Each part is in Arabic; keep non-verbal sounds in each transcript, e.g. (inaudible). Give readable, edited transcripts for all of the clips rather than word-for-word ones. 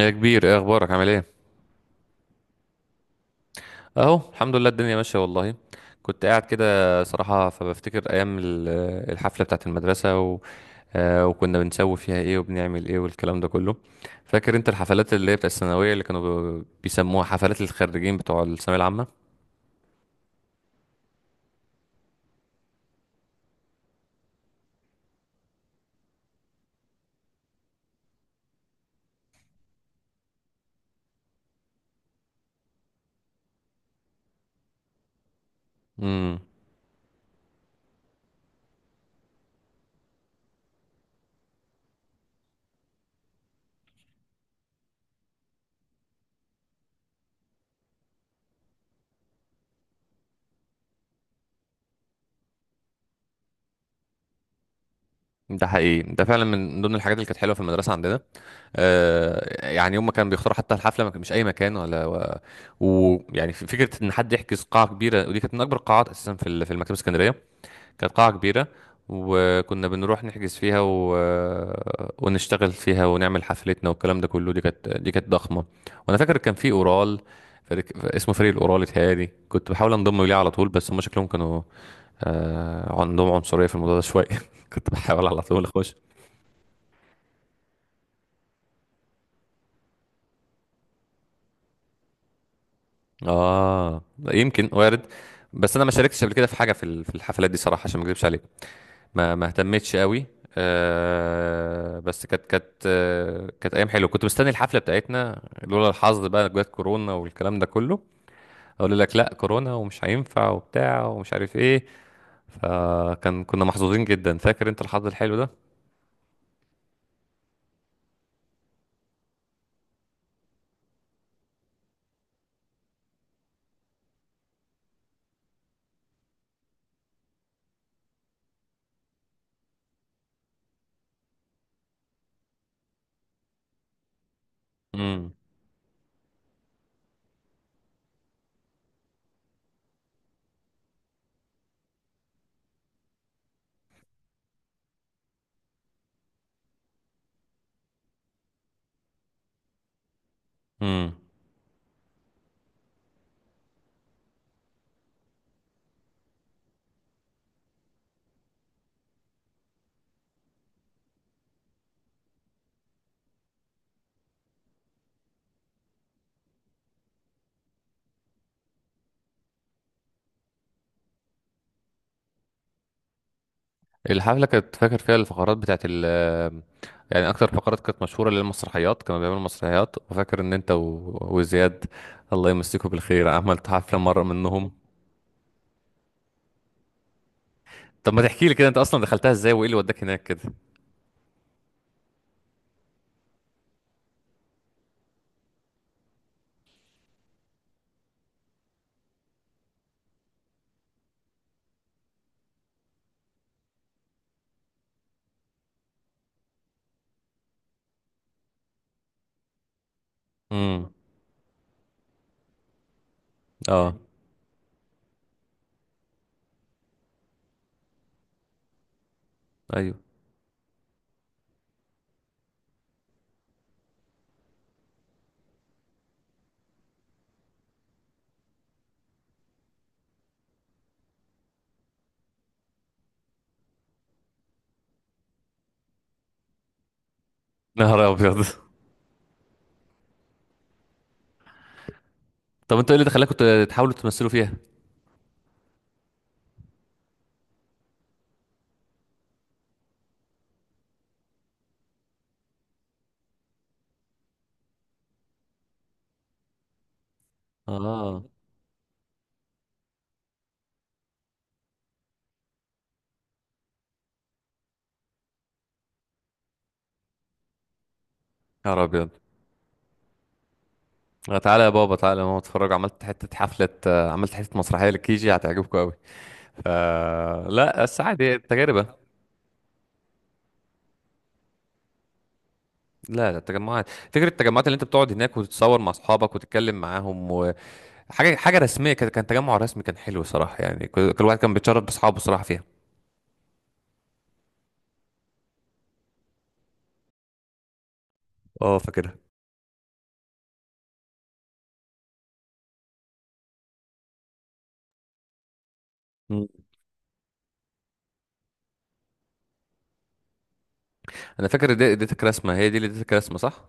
يا كبير، ايه اخبارك؟ عامل ايه؟ اهو الحمد لله، الدنيا ماشيه والله. كنت قاعد كده. صراحه فبفتكر ايام الحفله بتاعت المدرسه وكنا بنسوي فيها ايه وبنعمل ايه والكلام ده كله. فاكر انت الحفلات اللي هي بتاعت الثانويه اللي كانوا بيسموها حفلات الخريجين بتوع الثانويه العامه. امم. ده حقيقي، ده فعلا من ضمن الحاجات اللي كانت حلوه في المدرسه عندنا. يعني هم كانوا بيختاروا حتى الحفله، ما كان- مش اي مكان ولا ويعني يعني فكره ان حد يحجز قاعه كبيره، ودي كانت من اكبر القاعات اساسا في في المكتبه الاسكندريه. كانت قاعة كبيرة، وكنا بنروح نحجز فيها ونشتغل فيها ونعمل حفلتنا والكلام ده كله. دي كانت ضخمة. وانا فاكر كان في اورال، فريق... اسمه فريق الاورال اتهيألي. كنت بحاول انضم ليه على طول، بس هم شكلهم كانوا عندهم عنصرية في الموضوع ده شوية. (laughs) كنت بحاول على طول اخش. اه، يمكن وارد. بس انا ما شاركتش قبل كده في حاجة في في الحفلات دي صراحة، عشان ما اكذبش عليك. ما اهتمتش قوي. أه، بس كانت ايام حلوه. كنت مستني الحفله بتاعتنا، لولا الحظ بقى جت كورونا والكلام ده كله. اقول لك لا، كورونا ومش هينفع وبتاع ومش عارف ايه. فكان كنا محظوظين جدا. فاكر انت الحظ الحلو ده؟ امم، امم. الحفله، كانت فاكر فيها الفقرات بتاعت يعني. اكتر فقرات كانت مشهوره للمسرحيات. كانوا بيعملوا مسرحيات. وفاكر ان انت وزياد، الله يمسكه بالخير، عملت حفله مره منهم. طب ما تحكي لي كده، انت اصلا دخلتها ازاي وايه اللي وداك هناك كده؟ امم. اه. ايوه. نهار ابيض. (laughs) طب انتوا ايه اللي دخلكوا تحاولوا تمثلوا فيها؟ اه. نهار ابيض. تعالى يا بابا، تعالى يا ماما، اتفرج، عملت حته حفله، عملت حته مسرحيه للكيجي، هتعجبكم قوي. ف لا، بس عادي، تجربه. لا لا، التجمعات، فكره التجمعات اللي انت بتقعد هناك وتتصور مع اصحابك وتتكلم معاهم، وحاجه، حاجه رسميه كده، كان تجمع رسمي، كان حلو صراحه يعني. كل واحد كان بيتشرف باصحابه صراحه فيها. اه، فاكرها. انا فاكر اديتك رسمه. هي دي اللي اديتك رسمه، صح؟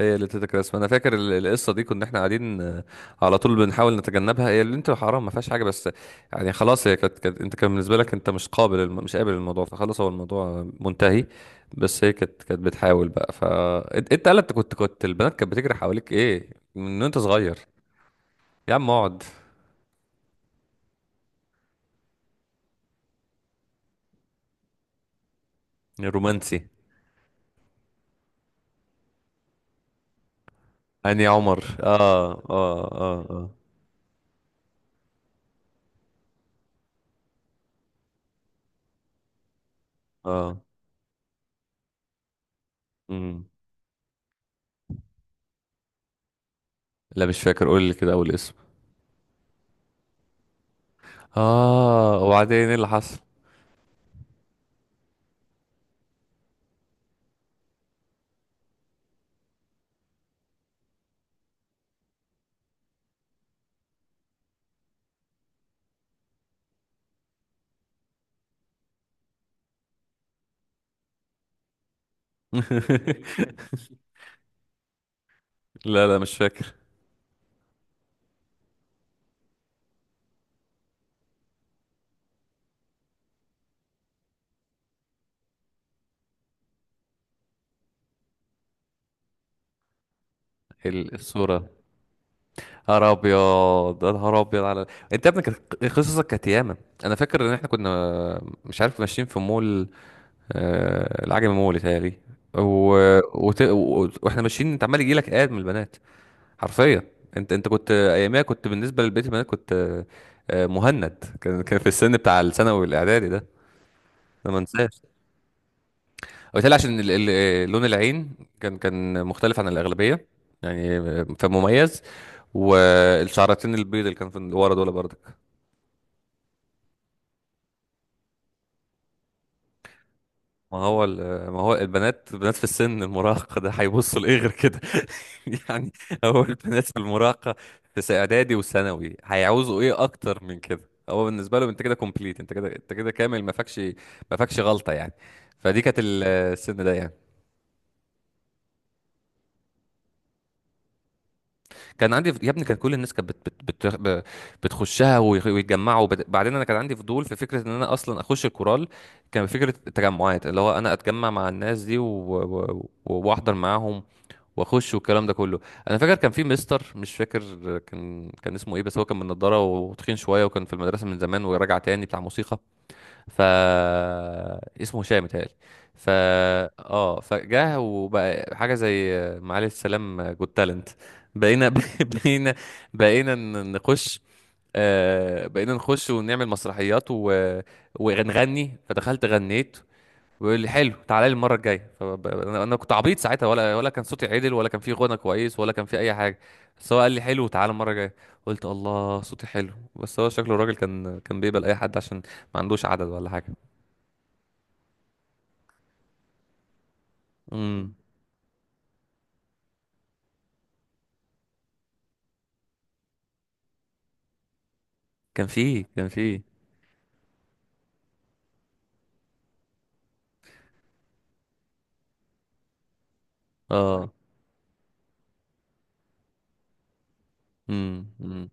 هي اللي اديتك رسمه. انا فاكر القصه دي. كنا احنا قاعدين، على طول بنحاول نتجنبها. هي اللي انت حرام، ما فيهاش حاجه، بس يعني خلاص، هي انت كان بالنسبه لك انت مش قابل مش قابل الموضوع، فخلاص هو الموضوع منتهي. بس هي كانت بتحاول بقى. انت قالت كنت البنات كانت بتجري حواليك ايه من وانت صغير. يا عم اقعد. رومانسي. اني عمر، اه، اه، اه، اه. اه. مم. لا، مش فاكر. قول لي كده اول اسم. اه، وبعدين ايه اللي حصل؟ (laughs) لا لا، مش فاكر. الصورة. نهار ابيض، يا نهار ابيض انت يا ابني، كانت قصصك كانت ياما. انا فاكر ان احنا كنا مش عارف ماشيين في مول، العجمي مول يتهيألي و... واحنا ماشيين انت عمال يجيلك اد من البنات، حرفيا. انت كنت اياميها، كنت بالنسبة لبقية البنات كنت، مهند كان في السن بتاع الثانوي الاعدادي ده. انا ما انساش. وبالتالي، عشان لون العين كان مختلف عن الأغلبية يعني، فمميز. والشعرتين البيض اللي كان في اللي ورا دول برضك. ما هو ما هو البنات في السن المراهقة ده هيبصوا لإيه غير كده؟ (laughs) يعني. هو البنات في المراهقة، في إعدادي وثانوي، هيعوزوا إيه أكتر من كده؟ هو بالنسبة لهم أنت كده كومبليت، أنت كده، أنت كده كامل، ما فاكش غلطة يعني. فدي كانت السن ده يعني. كان عندي يا ابني، كان كل الناس كانت بت بت ب- بتخشها ويتجمعوا. بعدين انا كان عندي فضول في فكره ان انا اصلا اخش الكورال. كان فكره التجمعات، اللي هو انا اتجمع مع الناس دي واحضر معاهم واخش والكلام ده كله. انا فاكر كان في مستر، مش فاكر كان اسمه ايه، بس هو كان من نضاره وتخين شويه، وكان في المدرسه من زمان وراجع تاني بتاع موسيقى. ف اسمه هشام متهيألي. ف اه فجاه وبقى حاجه زي معالي السلام، جود تالنت. بقينا (laughs) بقينا بقينا نخش. آه، بقينا نخش ونعمل مسرحيات ونغني. فدخلت غنيت، ويقول لي حلو، تعالى لي المره الجايه. انا كنت عبيط ساعتها، ولا كان صوتي عدل، ولا كان في غنى كويس، ولا كان في اي حاجه. بس هو قال لي حلو، تعالى المره الجايه. قلت الله، صوتي حلو. بس هو شكله الراجل كان بيقبل اي حد، عشان ما عندوش عدد ولا حاجه. امم. كان فيه، كان فيه. اه. امم، امم.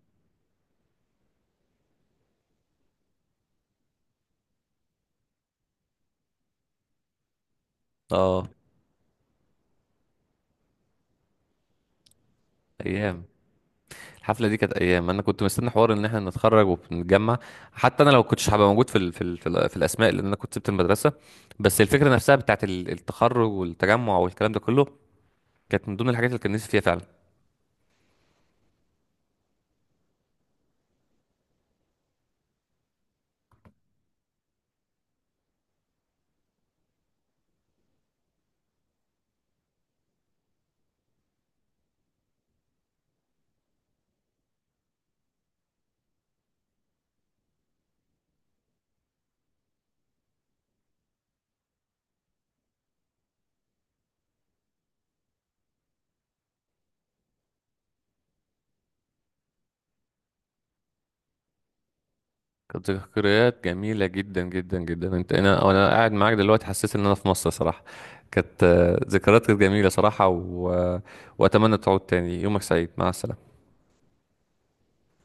اه، ايام. الحفله دي كانت ايام انا كنت مستني حوار ان احنا نتخرج ونتجمع. حتى انا لو كنتش هبقى موجود في الاسماء، لان انا كنت سبت المدرسه. بس الفكره نفسها بتاعت التخرج والتجمع والكلام ده كله كانت من ضمن الحاجات اللي كان نفسي فيها فعلا. كانت ذكريات جميله جدا جدا جدا. انت انا انا قاعد معاك دلوقتي، حسيت ان انا في مصر صراحه. كانت، ذكريات كانت جميله صراحه، واتمنى تعود تاني. يومك سعيد، مع السلامه.